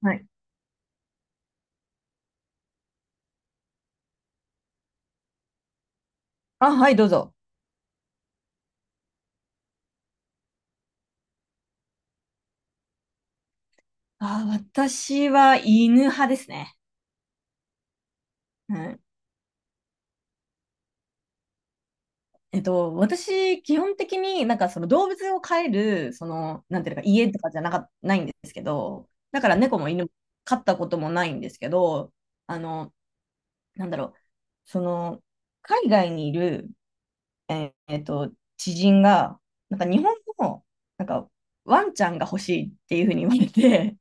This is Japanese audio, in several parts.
はい。あ、はい、どうぞ。あ、私は犬派ですね。うん。私、基本的になんかその動物を飼える、なんていうのか、家とかじゃなか、ないんですけど、だから猫も犬も飼ったこともないんですけど、あの、なんだろう、その、海外にいる、えーえっと、知人が、なんか日本の、なんか、ワンちゃんが欲しいっていうふうに言われて、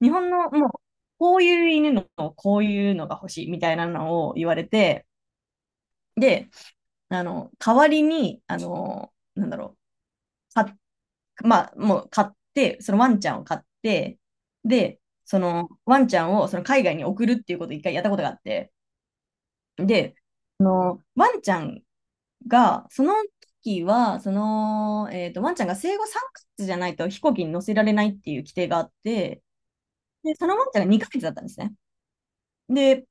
日本のもう、こういう犬の、こういうのが欲しいみたいなのを言われて、で、代わりに、なんだろう、か、まあ、もう買って、そのワンちゃんを買って、で、そのワンちゃんをその海外に送るっていうことを一回やったことがあって、で、ワンちゃんが、その時は、その、ワンちゃんが生後3ヶ月じゃないと飛行機に乗せられないっていう規定があって、で、そのワンちゃんが2ヶ月だったんですね。で、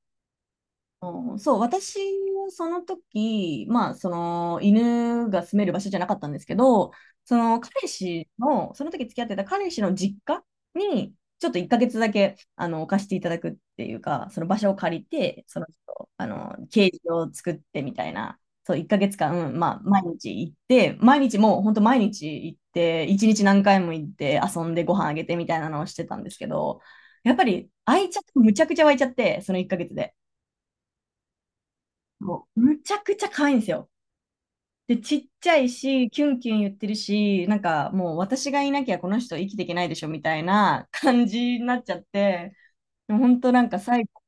うんそう、私はその時、まあ、その犬が住める場所じゃなかったんですけど、その彼氏の、その時付き合ってた彼氏の実家に、ちょっと1ヶ月だけ、貸していただくっていうか、その場所を借りて、その人、ケージを作ってみたいな、そう、1ヶ月間、まあ、毎日行って、毎日もう本当毎日行って、1日何回も行って遊んでご飯あげてみたいなのをしてたんですけど、やっぱり、愛着、むちゃくちゃ湧いちゃって、その1ヶ月で。もうむちゃくちゃ可愛いんですよ。で、ちっちゃいし、キュンキュン言ってるし、なんかもう私がいなきゃこの人生きていけないでしょみたいな感じになっちゃって、でも本当なんか最後、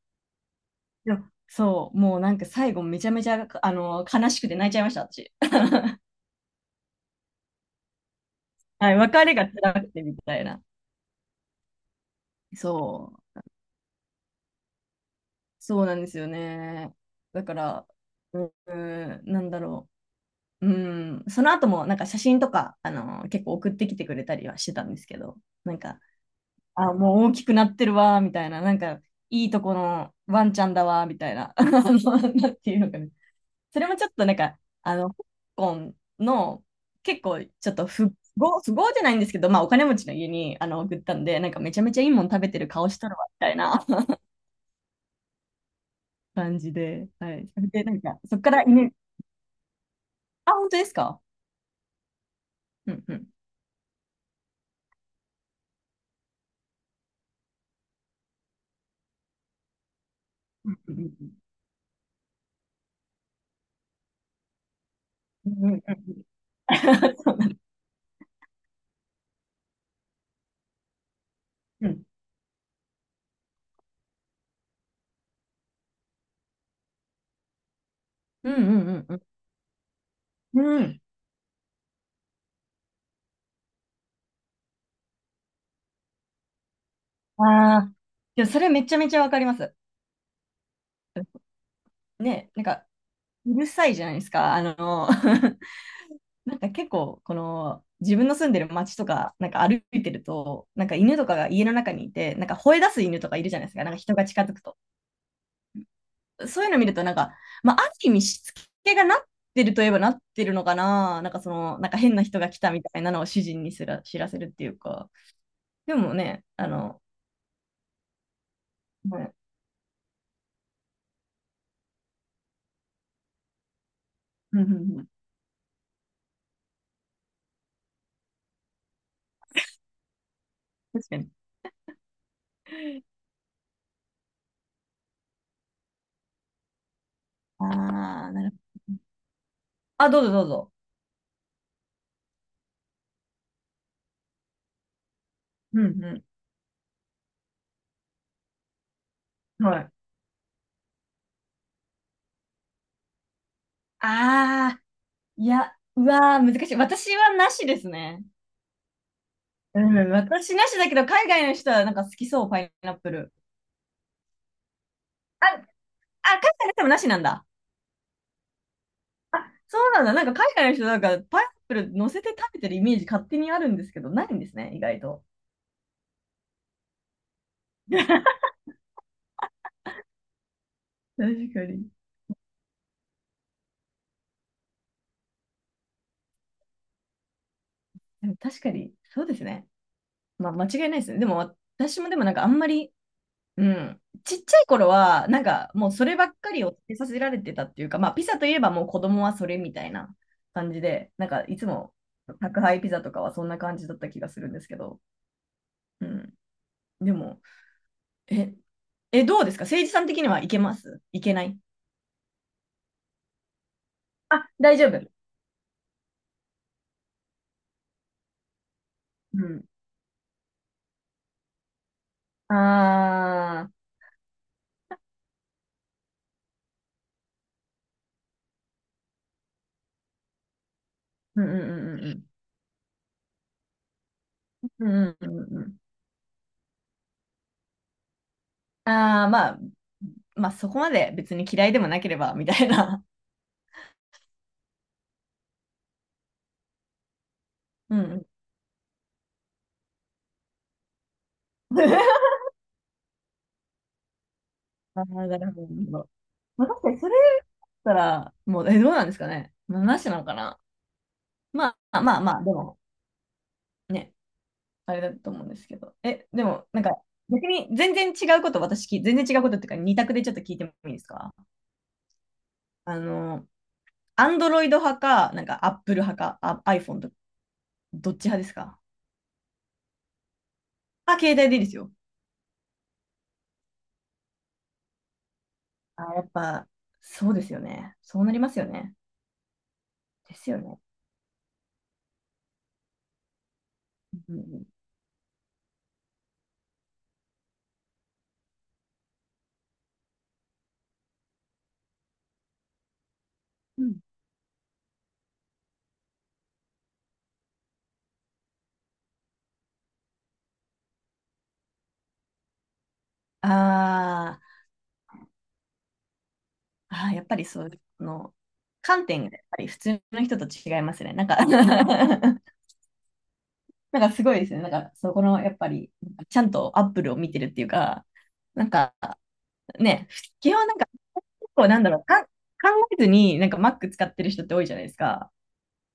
でもそう、もうなんか最後めちゃめちゃ、悲しくて泣いちゃいました、私。はい、別れが辛くてみたいな。そう、そうなんですよね。だから、うーん、なんだろう。うん、その後もなんか写真とか、結構送ってきてくれたりはしてたんですけど、なんか、あ、もう大きくなってるわ、みたいな、なんか、いいとこのワンちゃんだわ、みたいな、あのなんていうのかな。それもちょっとなんか、香港の、結構、ちょっと不合じゃないんですけど、まあ、お金持ちの家に、送ったんで、なんか、めちゃめちゃいいもん食べてる顔しとるわ、みたいな 感じで、はい。それで、なんか、そっから犬あ、本当ですか。うんうん。うんうんうん。そうなん、うんうんうんうんうん。うん。ああ。でも、それめちゃめちゃわかります。ね、なんか、うるさいじゃないですか。なんか結構、この、自分の住んでる街とか、なんか歩いてると、なんか犬とかが家の中にいて、なんか吠え出す犬とかいるじゃないですか。なんか人が近づくと。そういうの見ると、なんか、まあ、ある意味しつけがなってるといえばなってるのかな。なんかその、なんか変な人が来たみたいなのを主人にすら知らせるっていうか。でもね、はい、うんうんうん。確かに。ああ、なるほど。あ、どうぞどうぞ。うんうん。はい。ああ。いや、うわー、難しい。私はなしですね。うん、私なしだけど、海外の人はなんか好きそう、パイナップル。あ、海外の人もなしなんだ。あ、そうなんだ。なんか海外の人なんかパイナップル乗せて食べてるイメージ勝手にあるんですけど、ないんですね、意外と。確かに。でも確かに、そうですね。まあ、間違いないですね。でも、私もでもなんかあんまり、うん。ちっちゃい頃は、なんかもうそればっかりを食べさせられてたっていうか、まあピザといえばもう子供はそれみたいな感じで、なんかいつも宅配ピザとかはそんな感じだった気がするんですけど、うん。でも、え、どうですか、誠治さん的にはいけますいけない、あ、大丈夫。うん。ああ、うんうんうんうんうん。うんうんうんうん。ああ、まあ、まあそこまで別に嫌いでもなければみたいな。うんうん。ああ、なるほど。それたら、もう、え、どうなんですかね。なしなのかな。まあまあまあ、でも、ね、あれだと思うんですけど。え、でも、なんか、逆に全然違うこと、私聞い、全然違うことっていうか、二択でちょっと聞いてもいいですか。あの、アンドロイド派か、なんか、アップル派か、あ iPhone と、どっち派ですか。あ、携帯でいいですよ。あ、やっぱ、そうですよね。そうなりますよね。ですよね。うんうん。あーあー、やっぱりそう、その観点がやっぱり普通の人と違いますね。なんか なんかすごいですね。なんか、そこの、やっぱり、ちゃんとアップルを見てるっていうか、なんか、ね、基本なんか、結構なんだろう、考えずに、なんか Mac 使ってる人って多いじゃないですか。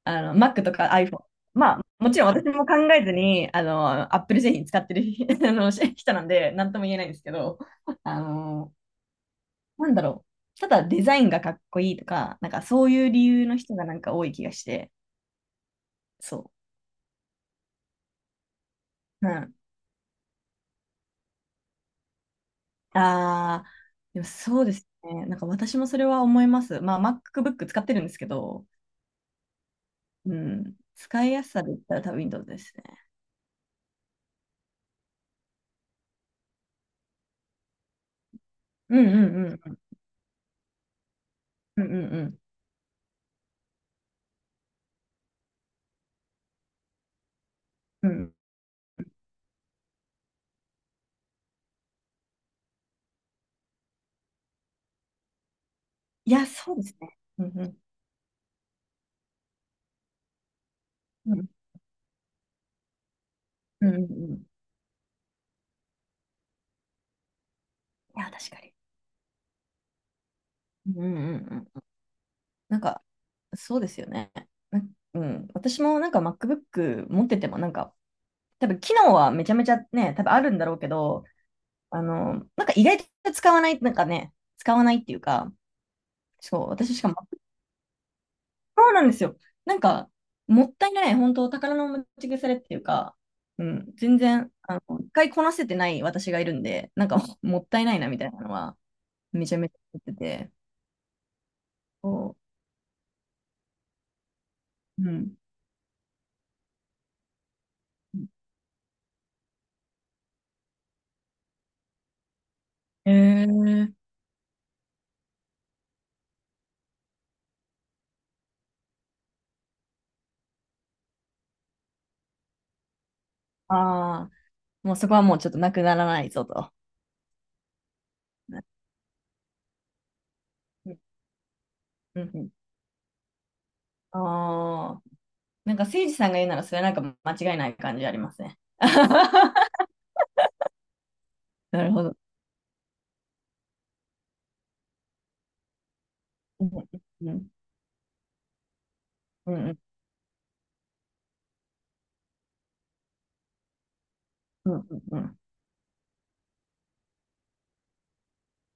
Mac とか iPhone。まあ、もちろん私も考えずに、Apple 製品使ってる あのし人なんで、なんとも言えないんですけど、あの、なんだろう。ただデザインがかっこいいとか、なんかそういう理由の人がなんか多い気がして、そう。うん、ああ、でもそうですね。なんか私もそれは思います。まあ、MacBook 使ってるんですけど、うん、使いやすさで言ったら多分 Windows ですね。うんうんうんうんうんうんうん。いや、そうですね。うんうんうんうんうんうん。いや、確かに。うんうんうんうん。なんか、そうですよね。な、うん、私もなんか MacBook 持ってても、なんか、多分機能はめちゃめちゃね、多分あるんだろうけど、なんか意外と使わない、なんかね、使わないっていうか、そう、私しかもそうなんですよ。なんか、もったいない、本当宝の持ち腐れっていうか、うん、全然、一回こなせてない私がいるんで、なんか、もったいないなみたいなのは、めちゃめちゃ思ってて、そう、うん。へえ。ああ、もうそこはもうちょっとなくならないぞと。うんうん、ああ、なんかせいじさんが言うならそれはなんか間違いない感じありますね。なるほど。うんうんうんうんうんうん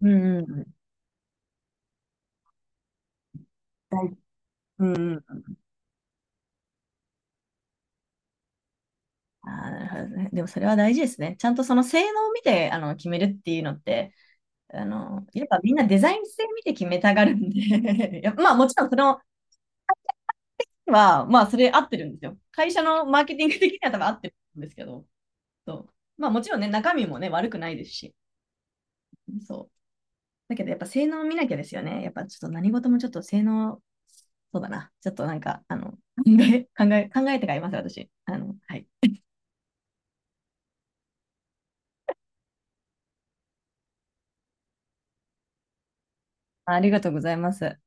うんうんうんうんうんうんうん、ああ、なるほどね。でもそれは大事ですね。ちゃんとその性能を見てあの決めるっていうのって、やっぱみんなデザイン性見て決めたがるんで いやまあもちろんそのは、まあそれ合ってるんですよ。会社のマーケティング的には多分合ってるんですけど、そう。まあもちろんね、中身もね、悪くないですし、そう。だけどやっぱ性能を見なきゃですよね。やっぱちょっと何事もちょっと性能、そうだな。ちょっとなんか、考えて買います、私。はい。ありがとうございます。